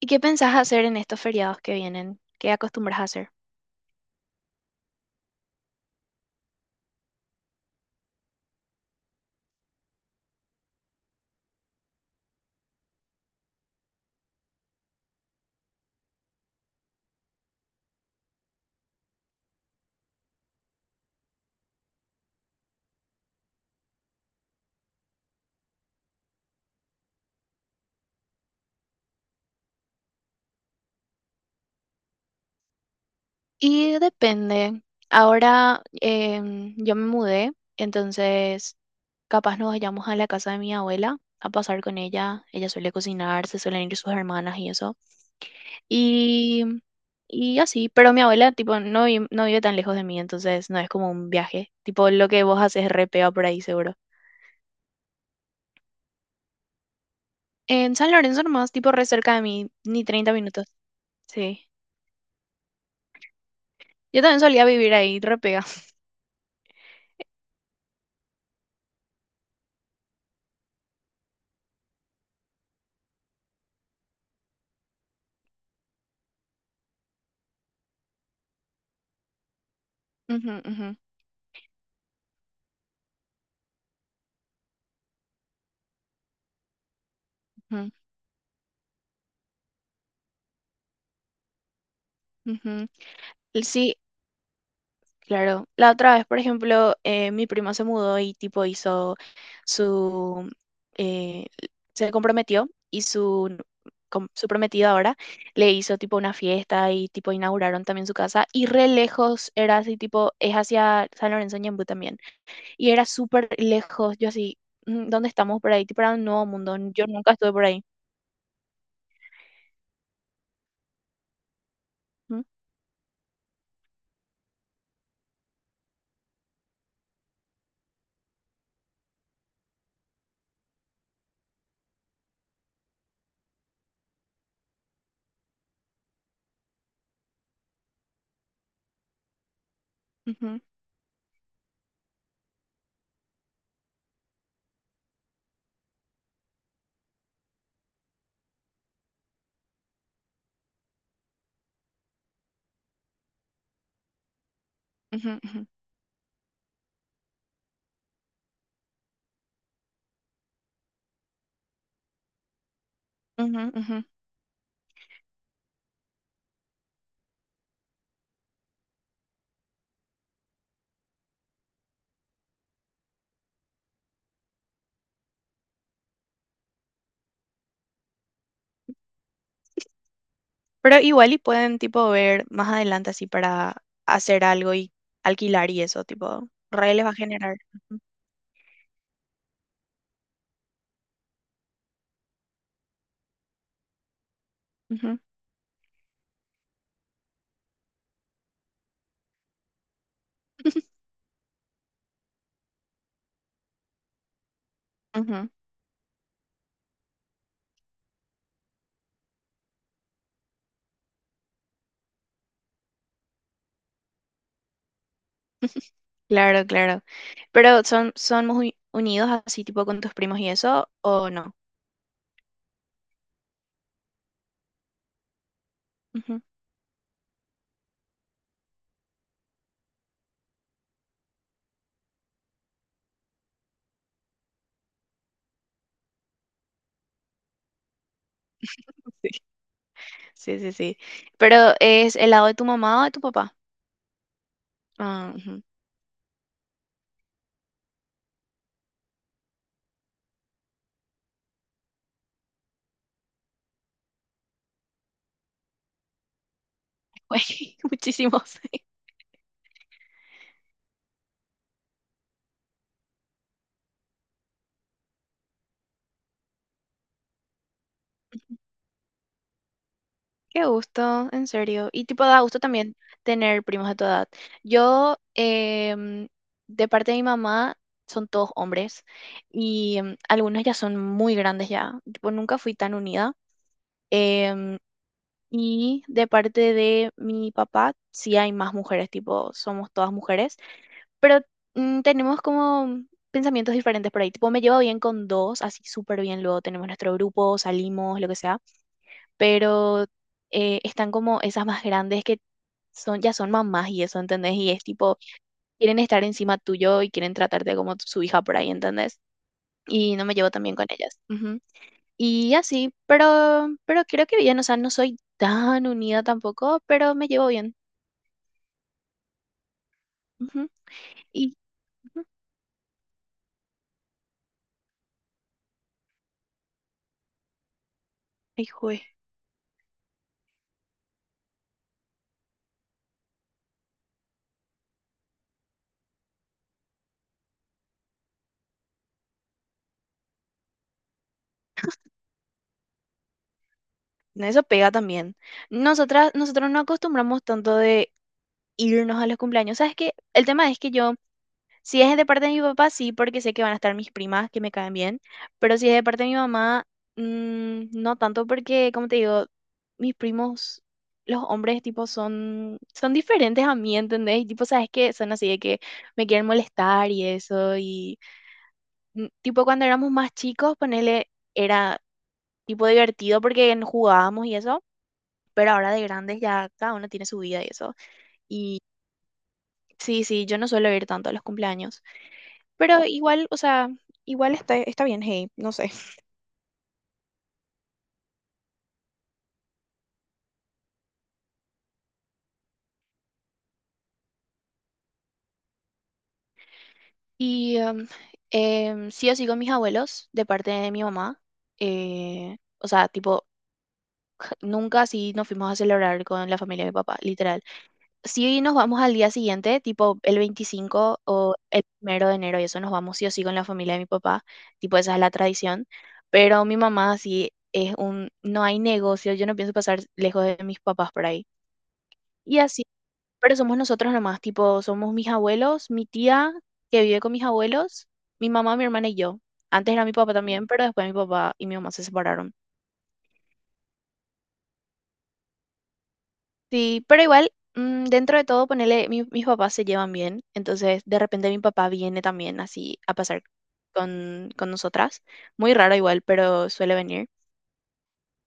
¿Y qué pensás hacer en estos feriados que vienen? ¿Qué acostumbras a hacer? Y depende. Ahora yo me mudé, entonces capaz nos vayamos a la casa de mi abuela a pasar con ella. Ella suele cocinar, se suelen ir sus hermanas y eso. Y, y así, pero mi abuela tipo no, no vive tan lejos de mí, entonces no es como un viaje. Tipo lo que vos haces es re pega por ahí seguro. En San Lorenzo nomás, tipo re cerca de mí, ni 30 minutos. Sí. Yo también solía vivir ahí, re pega. Ujú, ujú. Sí, claro. La otra vez, por ejemplo, mi prima se mudó y tipo hizo su... eh, se comprometió y su prometido ahora le hizo tipo una fiesta y tipo inauguraron también su casa y re lejos era así tipo, es hacia San Lorenzo Ñemby también y era súper lejos, yo así, "Mm, ¿dónde estamos por ahí? Tipo era un nuevo mundo, yo nunca estuve por ahí. Ujú, ujú, ujú, ujú, ujú, ujú. Pero igual y pueden tipo ver más adelante así para hacer algo y alquilar y eso, tipo, re les va a generar. Ujú, ujú, ujú. Claro, claro. Pero son muy unidos así tipo con tus primos y eso, ¿o no? Ujú. Sí, sí, sí, sí. Pero ¿es el lado de tu mamá o de tu papá? Ah, ujú. Muchísimos. Qué gusto, en serio. Y tipo, da gusto también tener primos de tu edad. Yo, de parte de mi mamá, son todos hombres y algunos ya son muy grandes ya. Tipo, nunca fui tan unida. Em, y de parte de mi papá, sí hay más mujeres, tipo, somos todas mujeres, pero tenemos como pensamientos diferentes por ahí. Tipo, me llevo bien con dos, así súper bien. Luego tenemos nuestro grupo, salimos, lo que sea, pero están como esas más grandes que son, ya son mamás y eso, ¿entendés? Y es tipo, quieren estar encima tuyo y quieren tratarte como su hija por ahí, ¿entendés? Y no me llevo tan bien con ellas. Ujú. Y así, pero creo que bien, o sea, no soy tan unida tampoco, pero me llevo bien. Ujú. Y, ujú. Ay, jue, no, eso pega también. Nosotros no acostumbramos tanto de irnos a los cumpleaños. ¿Sabes qué? El tema es que yo Si es de parte de mi papá, sí, porque sé que van a estar mis primas que me caen bien, pero si es de parte de mi mamá, no tanto porque, como te digo, mis primos, los hombres, tipo, son diferentes a mí, ¿entendés? Y tipo, sabes que son así de que me quieren molestar y eso, y tipo, cuando éramos más chicos, ponele, era tipo divertido porque jugábamos y eso, pero ahora de grandes ya cada uno tiene su vida y eso. Y sí, sí, yo no suelo ir tanto a los cumpleaños. Pero igual, o sea, igual está bien, hey, no sé. Y sí o sí con mis abuelos, de parte de mi mamá. O sea, tipo, nunca sí nos fuimos a celebrar con la familia de mi papá, literal. Sí nos vamos al día siguiente, tipo el 25 o el primero de enero, y eso nos vamos sí o sí con la familia de mi papá. Tipo, esa es la tradición. Pero mi mamá sí es un, no hay negocio, yo no pienso pasar lejos de mis papás por ahí. Y así. Pero somos nosotros nomás, tipo, somos mis abuelos, mi tía que vive con mis abuelos, mi mamá, mi hermana y yo. Antes era mi papá también, pero después mi papá y mi mamá se separaron. Sí, pero igual, dentro de todo, ponele, mis papás se llevan bien, entonces de repente mi papá viene también así a pasar con nosotras. Muy raro igual, pero suele venir.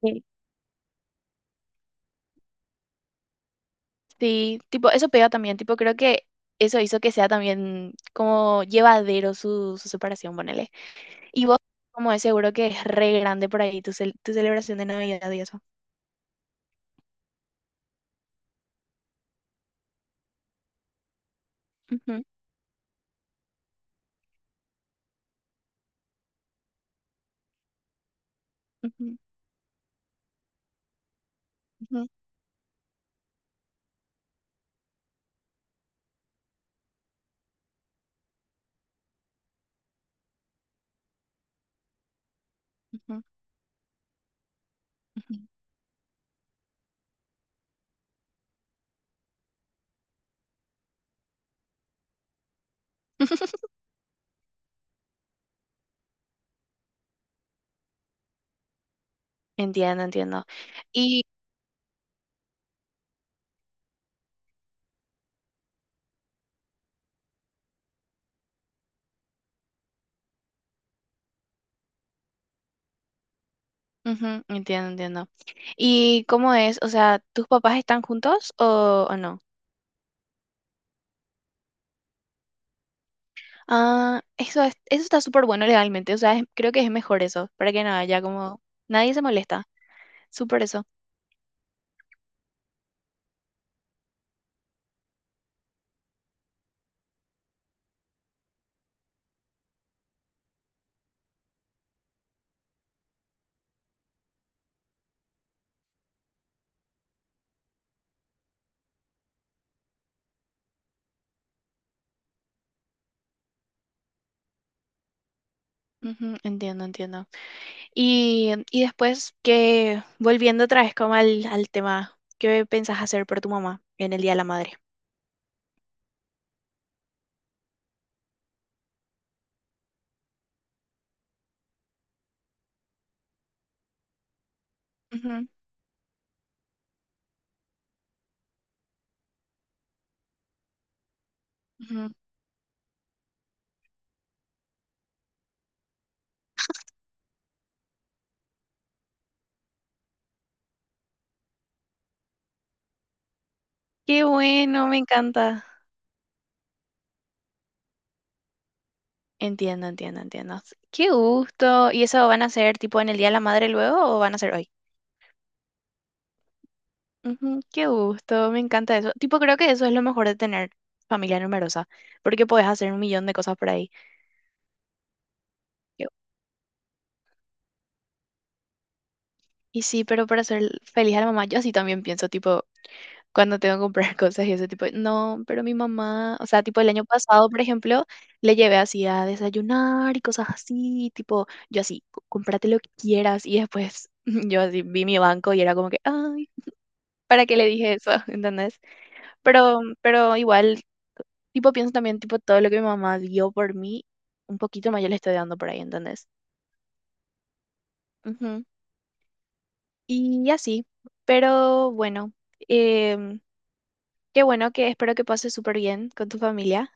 Sí. Sí, tipo, eso pega también, tipo, creo que eso hizo que sea también como llevadero su separación, ponele. Y vos, como es seguro que es re grande por ahí tu celebración de Navidad y eso. Ujú, ujú, ujú, ujú, ujú. Entiendo, entiendo. Y, ujú, entiendo, entiendo. ¿Y cómo es? O sea, ¿tus papás están juntos o no? Ah, eso está súper bueno legalmente. O sea, creo que es mejor eso, para que no haya como. Nadie se molesta. Súper eso. Ujú, entiendo, entiendo. Y después que, volviendo otra vez como al tema, ¿qué pensás hacer por tu mamá en el Día de la Madre? Ujú, ujú. Qué bueno, me encanta. Entiendo, entiendo, entiendo. Qué gusto. ¿Y eso van a ser tipo en el Día de la Madre luego o van a ser hoy? Ujú, qué gusto, me encanta eso. Tipo, creo que eso es lo mejor de tener familia numerosa, porque podés hacer un millón de cosas por ahí. Yo- Y sí, pero para ser feliz a la mamá, yo así también pienso, tipo, cuando tengo que comprar cosas y ese tipo, no, pero mi mamá, o sea, tipo el año pasado, por ejemplo, le llevé así a desayunar y cosas así, tipo, yo así, cómprate lo que quieras", y después yo así vi mi banco y era como que, ay, ¿para qué le dije eso? ¿Entendés? Pero igual, tipo, pienso también, tipo, todo lo que mi mamá dio por mí, un poquito más yo le estoy dando por ahí, ¿entendés? Ujú. Y así, pero bueno, em, qué bueno que espero que pases súper bien con tu familia.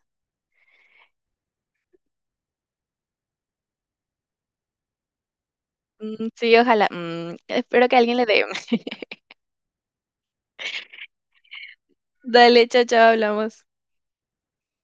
Mm, sí, ojalá. Espero que alguien le dé. Dale, chao, chao, hablamos.